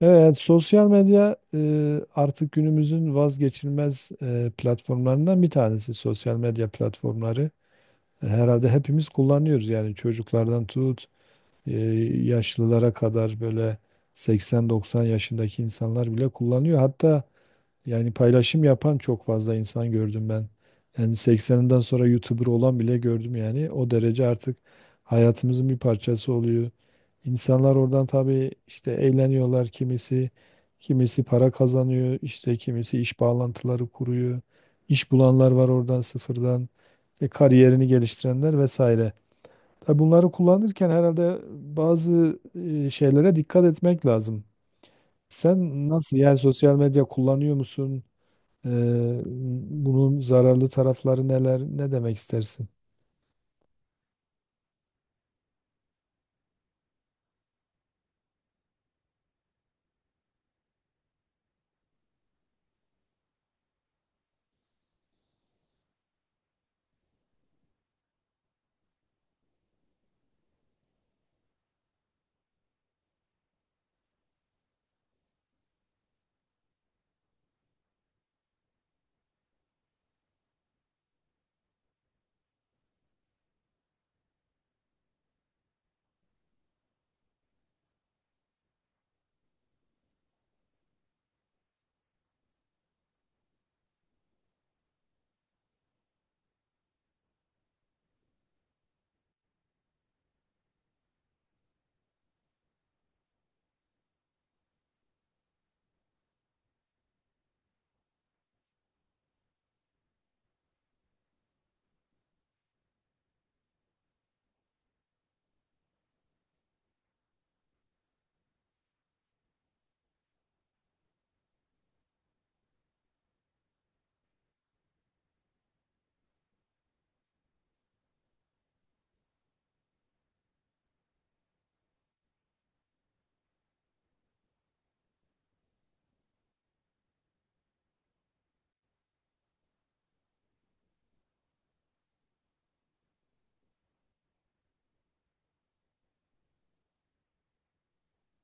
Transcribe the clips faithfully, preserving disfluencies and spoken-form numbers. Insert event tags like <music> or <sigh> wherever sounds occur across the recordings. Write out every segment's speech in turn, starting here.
Evet, sosyal medya e, artık günümüzün vazgeçilmez e, platformlarından bir tanesi. Sosyal medya platformları herhalde hepimiz kullanıyoruz. Yani çocuklardan tut e, yaşlılara kadar böyle seksen doksan yaşındaki insanlar bile kullanıyor. Hatta yani paylaşım yapan çok fazla insan gördüm ben. Yani sekseninden sonra YouTuber olan bile gördüm yani. O derece artık hayatımızın bir parçası oluyor. İnsanlar oradan tabii işte eğleniyorlar kimisi. Kimisi para kazanıyor, işte kimisi iş bağlantıları kuruyor. İş bulanlar var oradan sıfırdan. E, kariyerini geliştirenler vesaire. Tabii bunları kullanırken herhalde bazı e, şeylere dikkat etmek lazım. Sen nasıl yani sosyal medya kullanıyor musun? Ee, Bunun zararlı tarafları neler, ne demek istersin?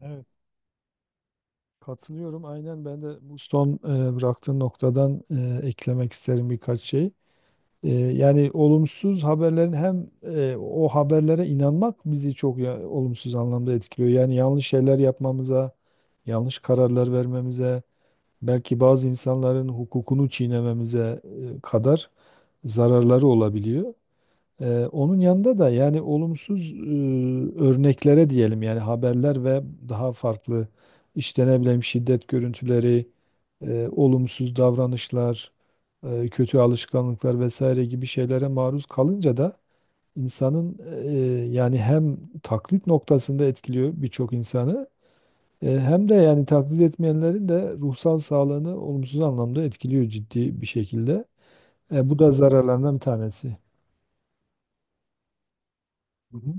Evet, katılıyorum. Aynen ben de bu son e, bıraktığın noktadan e, eklemek isterim birkaç şey. E, yani olumsuz haberlerin hem e, o haberlere inanmak bizi çok ya- olumsuz anlamda etkiliyor. Yani yanlış şeyler yapmamıza, yanlış kararlar vermemize, belki bazı insanların hukukunu çiğnememize e, kadar zararları olabiliyor. Ee, onun yanında da yani olumsuz e, örneklere diyelim yani haberler ve daha farklı işte ne bileyim şiddet görüntüleri, e, olumsuz davranışlar, e, kötü alışkanlıklar vesaire gibi şeylere maruz kalınca da insanın e, yani hem taklit noktasında etkiliyor birçok insanı e, hem de yani taklit etmeyenlerin de ruhsal sağlığını olumsuz anlamda etkiliyor ciddi bir şekilde. E, bu da zararlarından bir tanesi. Hı hı.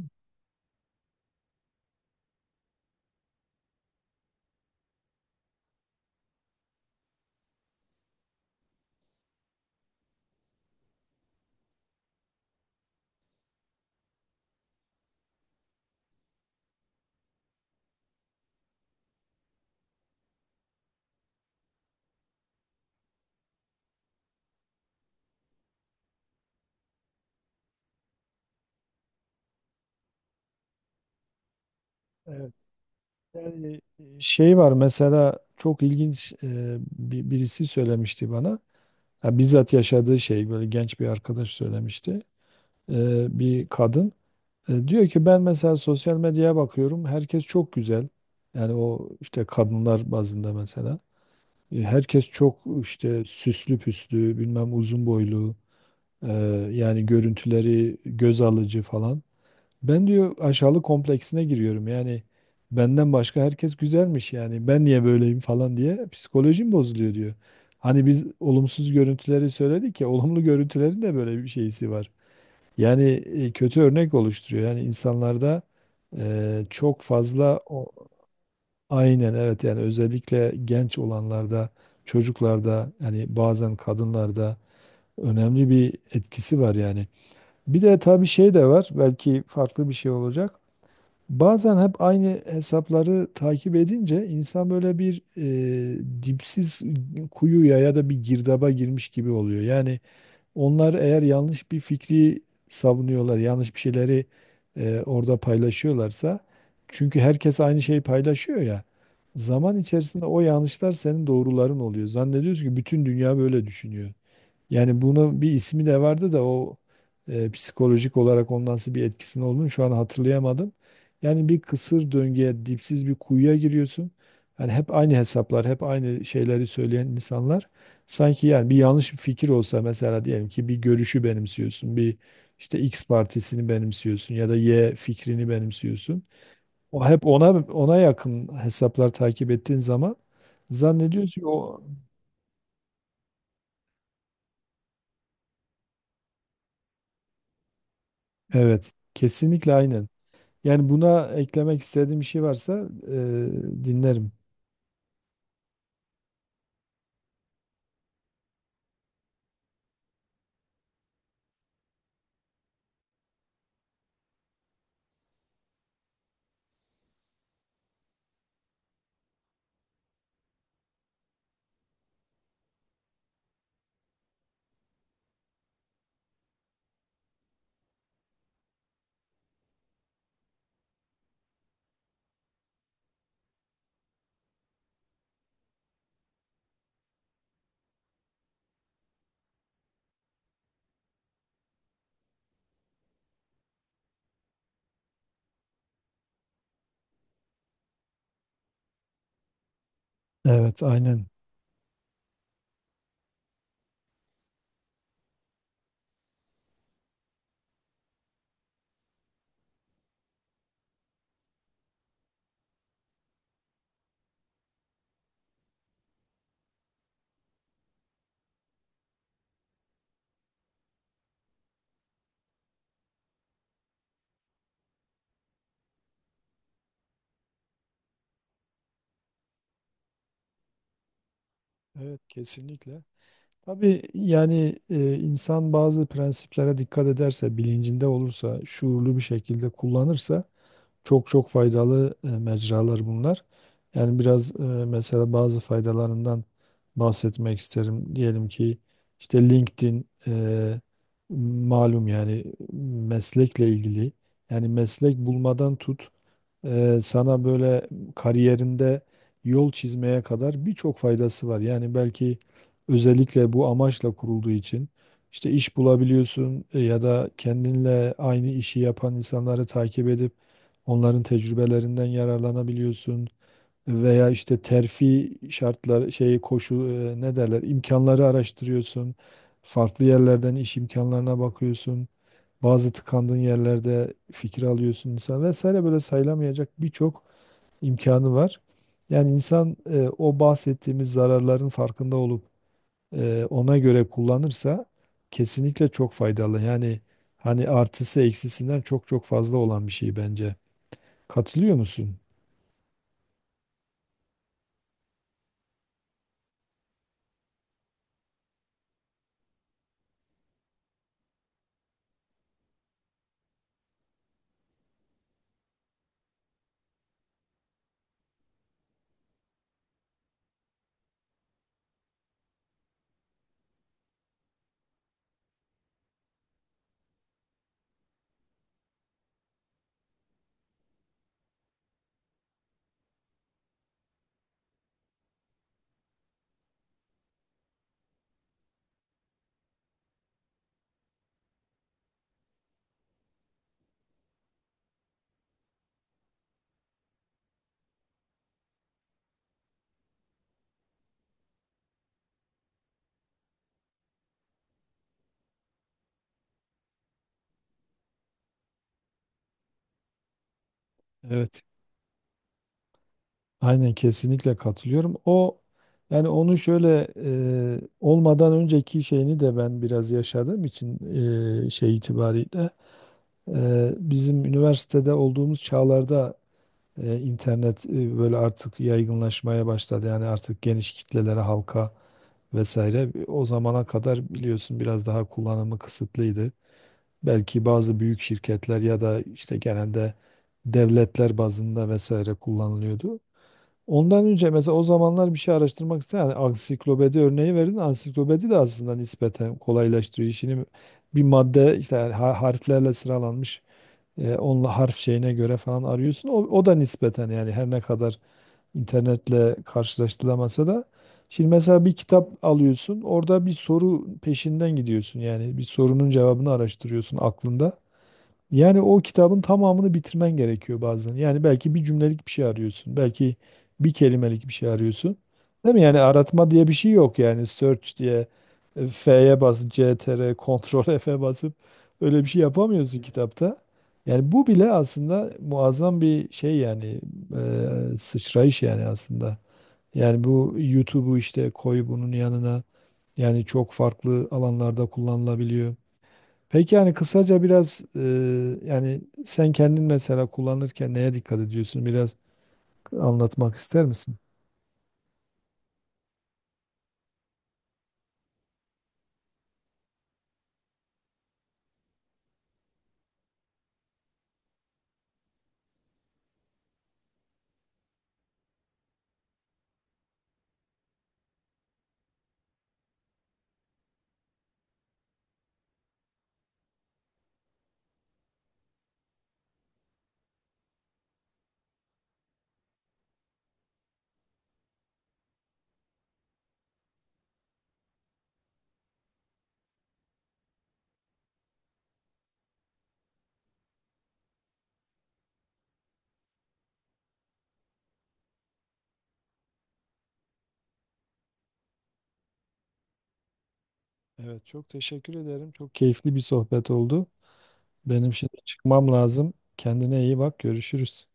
Evet. Yani e, şey var mesela çok ilginç e, bir- birisi söylemişti bana. Ya bizzat yaşadığı şey böyle genç bir arkadaş söylemişti. E, bir kadın E, diyor ki ben mesela sosyal medyaya bakıyorum. Herkes çok güzel. Yani o işte kadınlar bazında mesela. E, herkes çok işte süslü püslü, bilmem uzun boylu, e, yani görüntüleri göz alıcı falan. Ben diyor aşağılık kompleksine giriyorum. Yani benden başka herkes güzelmiş yani ben niye böyleyim falan diye psikolojim bozuluyor diyor. Hani biz olumsuz görüntüleri söyledik ya olumlu görüntülerin de böyle bir şeysi var. Yani e, kötü örnek oluşturuyor. Yani insanlarda e, çok fazla o, aynen evet yani özellikle genç olanlarda, çocuklarda yani bazen kadınlarda önemli bir etkisi var yani. Bir de tabii şey de var belki farklı bir şey olacak. Bazen hep aynı hesapları takip edince insan böyle bir e, dipsiz kuyuya ya da bir girdaba girmiş gibi oluyor. Yani onlar eğer yanlış bir fikri savunuyorlar, yanlış bir şeyleri e, orada paylaşıyorlarsa, çünkü herkes aynı şeyi paylaşıyor ya, zaman içerisinde o yanlışlar senin doğruların oluyor. Zannediyorsun ki bütün dünya böyle düşünüyor. Yani bunu bir ismi de vardı da o e, psikolojik olarak onun nasıl bir etkisinin olduğunu şu an hatırlayamadım. Yani bir kısır döngüye, dipsiz bir kuyuya giriyorsun. Yani hep aynı hesaplar, hep aynı şeyleri söyleyen insanlar. Sanki yani bir yanlış bir fikir olsa mesela diyelim ki bir görüşü benimsiyorsun, bir işte X partisini benimsiyorsun ya da Y fikrini benimsiyorsun. O hep ona ona yakın hesaplar takip ettiğin zaman zannediyorsun ki o evet, kesinlikle aynen. Yani buna eklemek istediğim bir şey varsa e, dinlerim. Evet, aynen. Evet, kesinlikle. Tabii yani e, insan bazı prensiplere dikkat ederse, bilincinde olursa, şuurlu bir şekilde kullanırsa çok çok faydalı e, mecralar bunlar. Yani biraz e, mesela bazı faydalarından bahsetmek isterim. Diyelim ki işte LinkedIn e, malum yani meslekle ilgili. Yani meslek bulmadan tut. E, sana böyle kariyerinde yol çizmeye kadar birçok faydası var. Yani belki özellikle bu amaçla kurulduğu için işte iş bulabiliyorsun e, ya da kendinle aynı işi yapan insanları takip edip onların tecrübelerinden yararlanabiliyorsun veya işte terfi şartları şey koşu e, ne derler imkanları araştırıyorsun. Farklı yerlerden iş imkanlarına bakıyorsun. Bazı tıkandığın yerlerde fikir alıyorsun insan vesaire böyle sayılamayacak birçok imkanı var. Yani insan e, o bahsettiğimiz zararların farkında olup e, ona göre kullanırsa kesinlikle çok faydalı. Yani hani artısı eksisinden çok çok fazla olan bir şey bence. Katılıyor musun? Evet. Aynen kesinlikle katılıyorum. O yani onu şöyle e, olmadan önceki şeyini de ben biraz yaşadığım için e, şey itibariyle. Eee, bizim üniversitede olduğumuz çağlarda eee, internet eee, böyle artık yaygınlaşmaya başladı. Yani artık geniş kitlelere, halka vesaire. O zamana kadar biliyorsun biraz daha kullanımı kısıtlıydı. Belki bazı büyük şirketler ya da işte genelde devletler bazında vesaire kullanılıyordu. Ondan önce mesela o zamanlar bir şey araştırmak isteyen yani ansiklopedi örneği verdin. Ansiklopedi de aslında nispeten kolaylaştırıyor işini. Bir madde işte har- harflerle sıralanmış e, onunla harf şeyine göre falan arıyorsun. O, o da nispeten yani her ne kadar internetle karşılaştırılamasa da. Şimdi mesela bir kitap alıyorsun, orada bir soru peşinden gidiyorsun. Yani bir sorunun cevabını araştırıyorsun aklında. Yani o kitabın tamamını bitirmen gerekiyor bazen. Yani belki bir cümlelik bir şey arıyorsun. Belki bir kelimelik bir şey arıyorsun. Değil mi? Yani aratma diye bir şey yok yani. Search diye e, F'ye basıp C T R, <laughs> Ctrl F'e basıp öyle bir şey yapamıyorsun kitapta. Yani bu bile aslında muazzam bir şey yani e, sıçrayış yani aslında. Yani bu YouTube'u işte koy bunun yanına. Yani çok farklı alanlarda kullanılabiliyor. Peki yani kısaca biraz e, yani sen kendin mesela kullanırken neye dikkat ediyorsun? Biraz anlatmak ister misin? Evet, çok teşekkür ederim. Çok keyifli bir sohbet oldu. Benim şimdi çıkmam lazım. Kendine iyi bak. Görüşürüz.